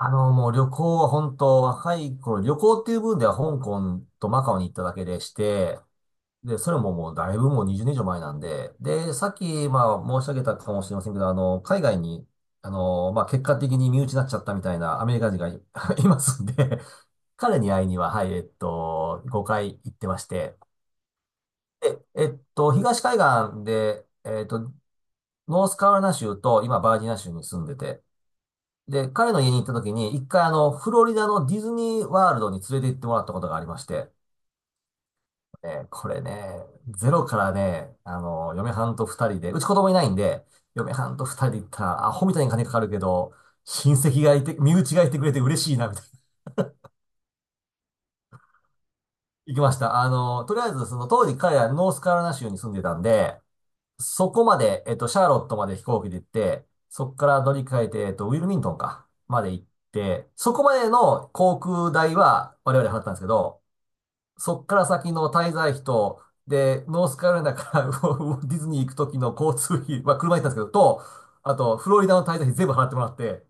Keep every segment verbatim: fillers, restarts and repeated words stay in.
あの、もう旅行は本当若い頃、旅行っていう分では香港とマカオに行っただけでして、で、それももうだいぶもうにじゅうねん以上前なんで、で、さっき、まあ申し上げたかもしれませんけど、あの、海外に、あの、まあ結果的に身内になっちゃったみたいなアメリカ人がい、いますんで、彼に会いには、はい、えっと、ごかい行ってまして、で、えっと、東海岸で、えっと、ノースカロライナ州と今バージニア州に住んでて、で、彼の家に行った時に、一回あの、フロリダのディズニーワールドに連れて行ってもらったことがありまして、えーこれね、ゼロからね、あの、嫁はんと二人で、うち子供いないんで、嫁はんと二人で行ったら、アホみたいに金かかるけど、親戚がいて、身内がいてくれて嬉しいな、みたいな。行きました。あの、とりあえず、その当時彼らノースカロライナ州に住んでたんで、そこまで、えっと、シャーロットまで飛行機で行って、そこから乗り換えて、えっと、ウィルミントンか、まで行って、そこまでの航空代は我々払ったんですけど、そこから先の滞在費と、で、ノースカロライナから ウォディズニー行く時の交通費は車で行ったんですけど、と、あと、フロリダの滞在費全部払ってもらって、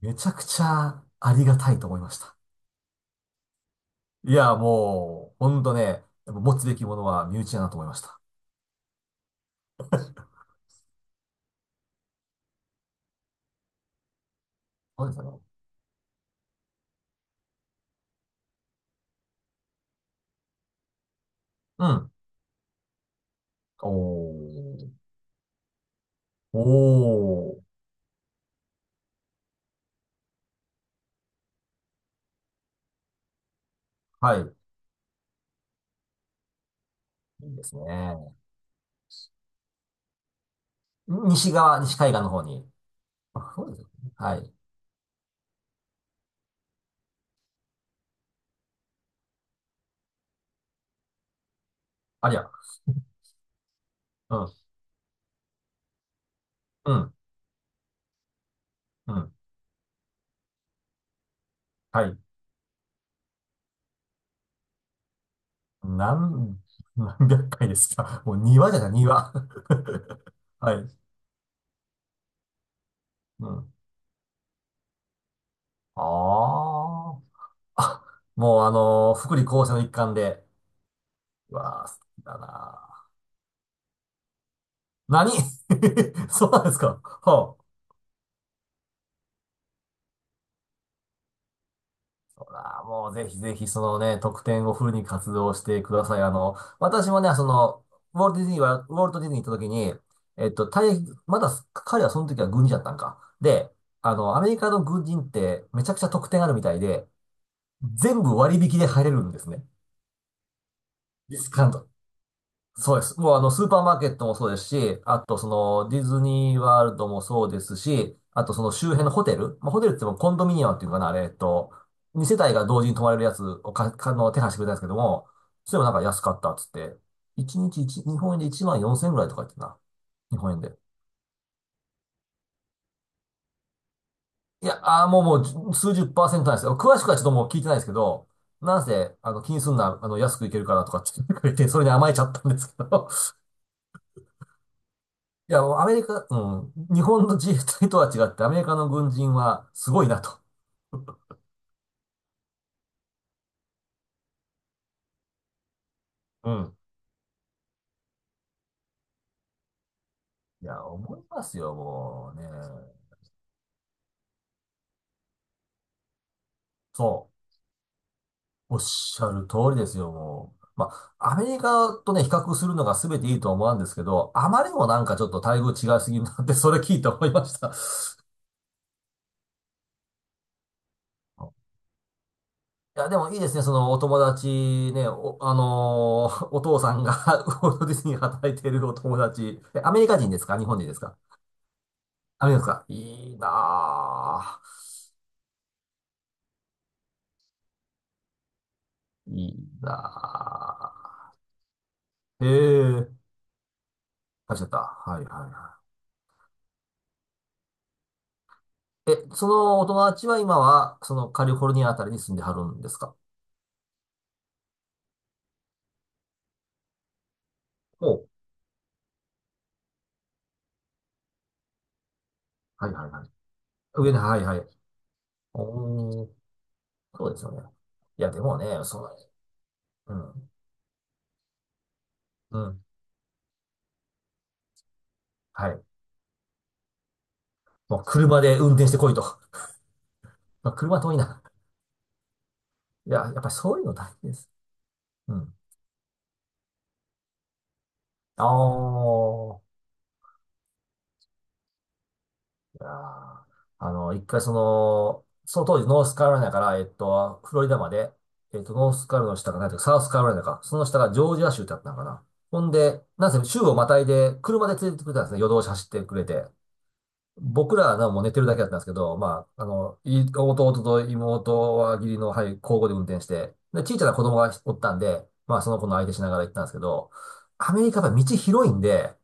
めちゃくちゃありがたいと思いました。いや、もう、ほんとね、やっぱ持つべきものは身内だなと思いました。そうですよね。うん。おー。おー。はい。いいですね。西側、西海岸の方に。あ、そうですよね。はい。ありゃ。うん。うん。うん。はい。なん、何百回ですか。もう庭じゃない、庭。はい。うん。ああ。あもうあのー福利厚生の一環で。うわあ、好きだな。何 そうなんですか。はああーもうぜひぜひそのね、特典をフルに活動してください。あの、私もね、その、ウォルト・ディズニーは、ウォルト・ディズニー行った時に、えっと、大役、まだ彼はその時は軍人だったんか。で、あの、アメリカの軍人ってめちゃくちゃ特典あるみたいで、全部割引で入れるんですね。ディスカウントそうです。もうあの、スーパーマーケットもそうですし、あとその、ディズニーワールドもそうですし、あとその周辺のホテル、まあ、ホテルって言ってもコンドミニアムっていうのかな、あれ、えっと、にせたい世帯が同時に泊まれるやつをか、かの、手配してくれたんですけども、それもなんか安かったっつって、いちにちいち、日本円でいちまんよんせん円ぐらいとか言ってたな。日本円で。いや、あーもうもうじゅ数十パーセントなんですよ。詳しくはちょっともう聞いてないですけど、なんせ、あの、気にすんな、あの、安くいけるからとかって言ってくれて、それに甘えちゃったんですけど、いや、アメリカ、うん、日本の自衛隊とは違って、アメリカの軍人はすごいなと。うん。いや、思いますよ、もうね。そう。おっしゃる通りですよ、もう。まあ、アメリカとね、比較するのが全ていいとは思うんですけど、あまりにもなんかちょっと待遇違いすぎるなって、それ聞いて思いました。いや、でもいいですね。そのお友達ね、お、あのーお父さんが ウォルト・ディズニーに働いているお友達。えアメリカ人ですか日本人ですかアメリカですかいいなぁ。いいなぁ。ええ、あ、ちゃった。はいはいはい。え、そのお友達は今は、そのカリフォルニアあたりに住んではるんですかおう。はいはいはい。上の、はいはい。おー、そうですよね。いや、でもね、その、うん、うん、はい。もう車で運転してこいと。まあ、車遠いな。いや、やっぱりそういうの大事です。うん。ああ。いやーあの、一回その、その当時ノースカロライナから、えっと、フロリダまで、えっと、ノースカロライナの下が何ていうか、サウスカロライナか、その下がジョージア州ってあったのかな。ほんで、なんせ州をまたいで、車で連れてってくれたんですね。夜通し走ってくれて。僕らはなもう寝てるだけだったんですけど、まあ、あの、い弟と妹は義理の、はい、交互で運転して、で、小さな子供がおったんで、まあ、その子の相手しながら行ったんですけど、アメリカは道広いんで、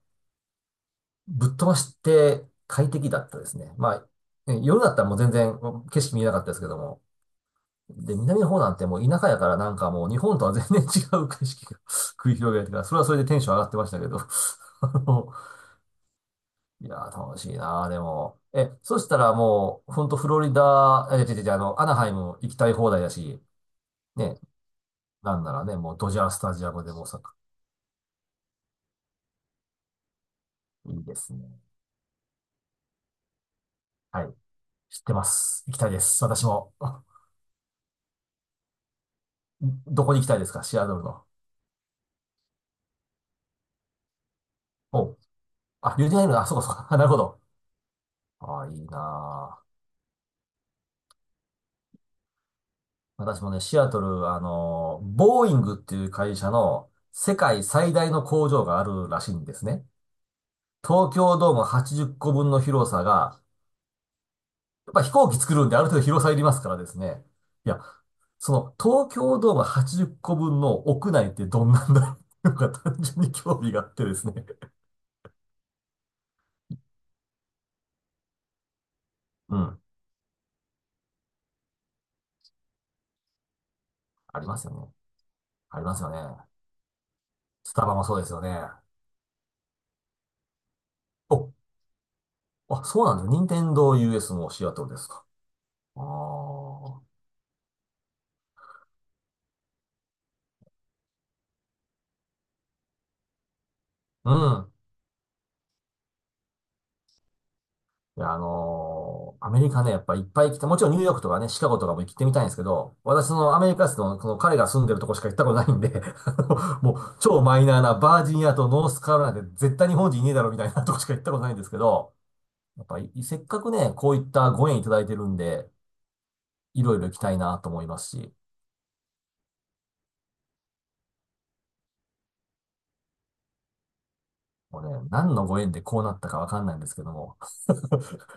ぶっ飛ばして快適だったですね。まあ、ね夜だったらもう全然景色見えなかったですけども。で、南の方なんてもう田舎やからなんかもう日本とは全然違う景色が 繰り広げられてから、それはそれでテンション上がってましたけど。あのいやー、楽しいなー、でも。え、そしたらもう、ほんとフロリダ、え、違う違うあの、アナハイム行きたい放題だし、ね、なんならね、もうドジャースタジアムでもさ、いいですね。はい、知ってます。行きたいです。私も。どこに行きたいですかシアトルの。おあ、ユニアイル、あ、そうかそうか。なるほど。ああ、いいなあ。私もね、シアトル、あの、ボーイングっていう会社の世界最大の工場があるらしいんですね。東京ドームはちじゅっこぶんの広さが、やっぱ飛行機作るんである程度広さいりますからですね。いや、その東京ドームはちじゅっこぶんの屋内ってどんなんだろうっていうのか単純に興味があってですね。うん。ありますよね。ありますよね。スタバもそうですよね。お、あ、そうなんだ。任天堂 ユーエス もシアトルですか。あうん。いや、あのーアメリカね、やっぱいっぱい来て、もちろんニューヨークとかね、シカゴとかも行ってみたいんですけど、私そのアメリカ人の、この彼が住んでるとこしか行ったことないんで、あのもう超マイナーなバージニアとノースカロライナで絶対日本人いねえだろみたいなとこしか行ったことないんですけど、やっぱりせっかくね、こういったご縁いただいてるんで、いろいろ行きたいなと思いますし、もうね、何のご縁でこうなったかわかんないんですけども。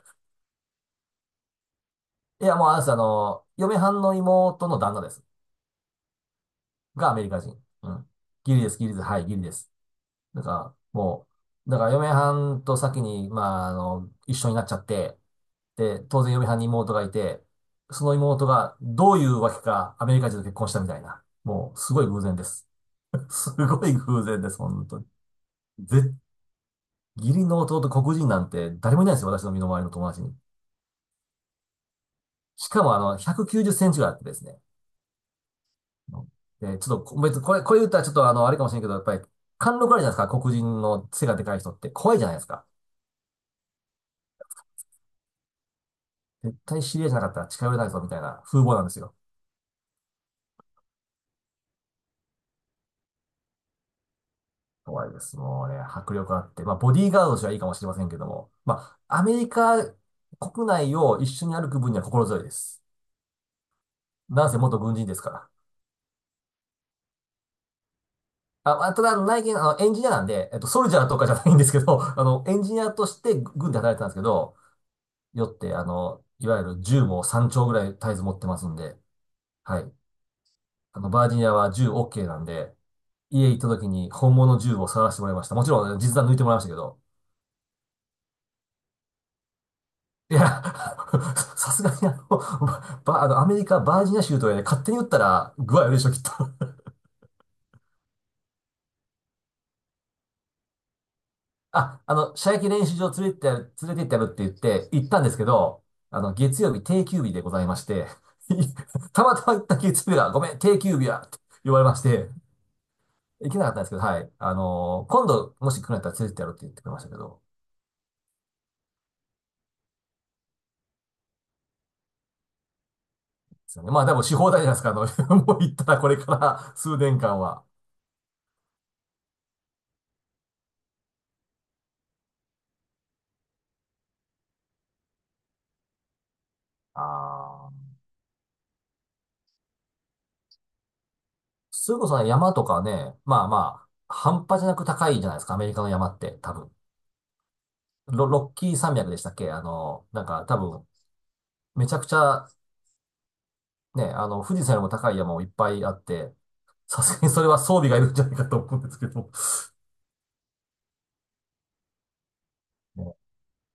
いや、もうあれです、あの、嫁はんの妹の旦那です。がアメリカ人。うん。ギリです、ギリです。はい、ギリです。だから、もう、だから嫁はんと先に、まあ、あの、一緒になっちゃって、で、当然嫁はんに妹がいて、その妹がどういうわけかアメリカ人と結婚したみたいな。もう、すごい偶然です。すごい偶然です、本当に。ぜ、義理の弟黒人なんて誰もいないですよ、私の身の回りの友達に。しかもあの、ひゃくきゅうじゅっセンチぐらいあってですね。で、ちょっとこ、別にこれ、これ言ったらちょっとあの、あれかもしれんけど、やっぱり、貫禄あるじゃないですか、黒人の背がでかい人って。怖いじゃないですか。絶対知り合いじゃなかったら近寄れないぞ、みたいな風貌なんですよ。怖いです。もうね、迫力あって。まあ、ボディーガードとしてはいいかもしれませんけども。まあ、アメリカ国内を一緒に歩く分には心強いです。なんせ元軍人ですから。あ、まあただ、内見、あの、エンジニアなんで、えっと、ソルジャーとかじゃないんですけど、あの、エンジニアとして軍で働いてたんですけど、よって、あの、いわゆる銃もさんちょう丁ぐらい絶えず持ってますんで、はい。あの、バージニアは銃 OK なんで、家行った時に本物の銃を探してもらいました。もちろん実弾抜いてもらいましたけど。いや、さすがにあの、ば、あの、アメリカ、バージニア州とかで勝手に撃ったら具合悪いでしょ、きっと。あ、あの、射撃練習場連れてってやる、連れてってやるって言って行ったんですけど、あの、月曜日定休日でございまして、たまたま行った月曜日が、ごめん、定休日や、って言われまして、行けなかったんですけど、はい。あの今度、もし来るんだったら連れてってやるって言ってくれましたけど、ですよね。まあ、でもし放題じゃないですか。あの、もう言ったらこれから数年間は。ああ、それこそね山とかね、まあまあ、半端じゃなく高いじゃないですか。アメリカの山って、多分。ロ、ロッキー山脈でしたっけあの、なんか多分、めちゃくちゃ、ね、あの、富士山よりも高い山もいっぱいあって、さすがにそれは装備がいるんじゃないかと思うんですけど。ね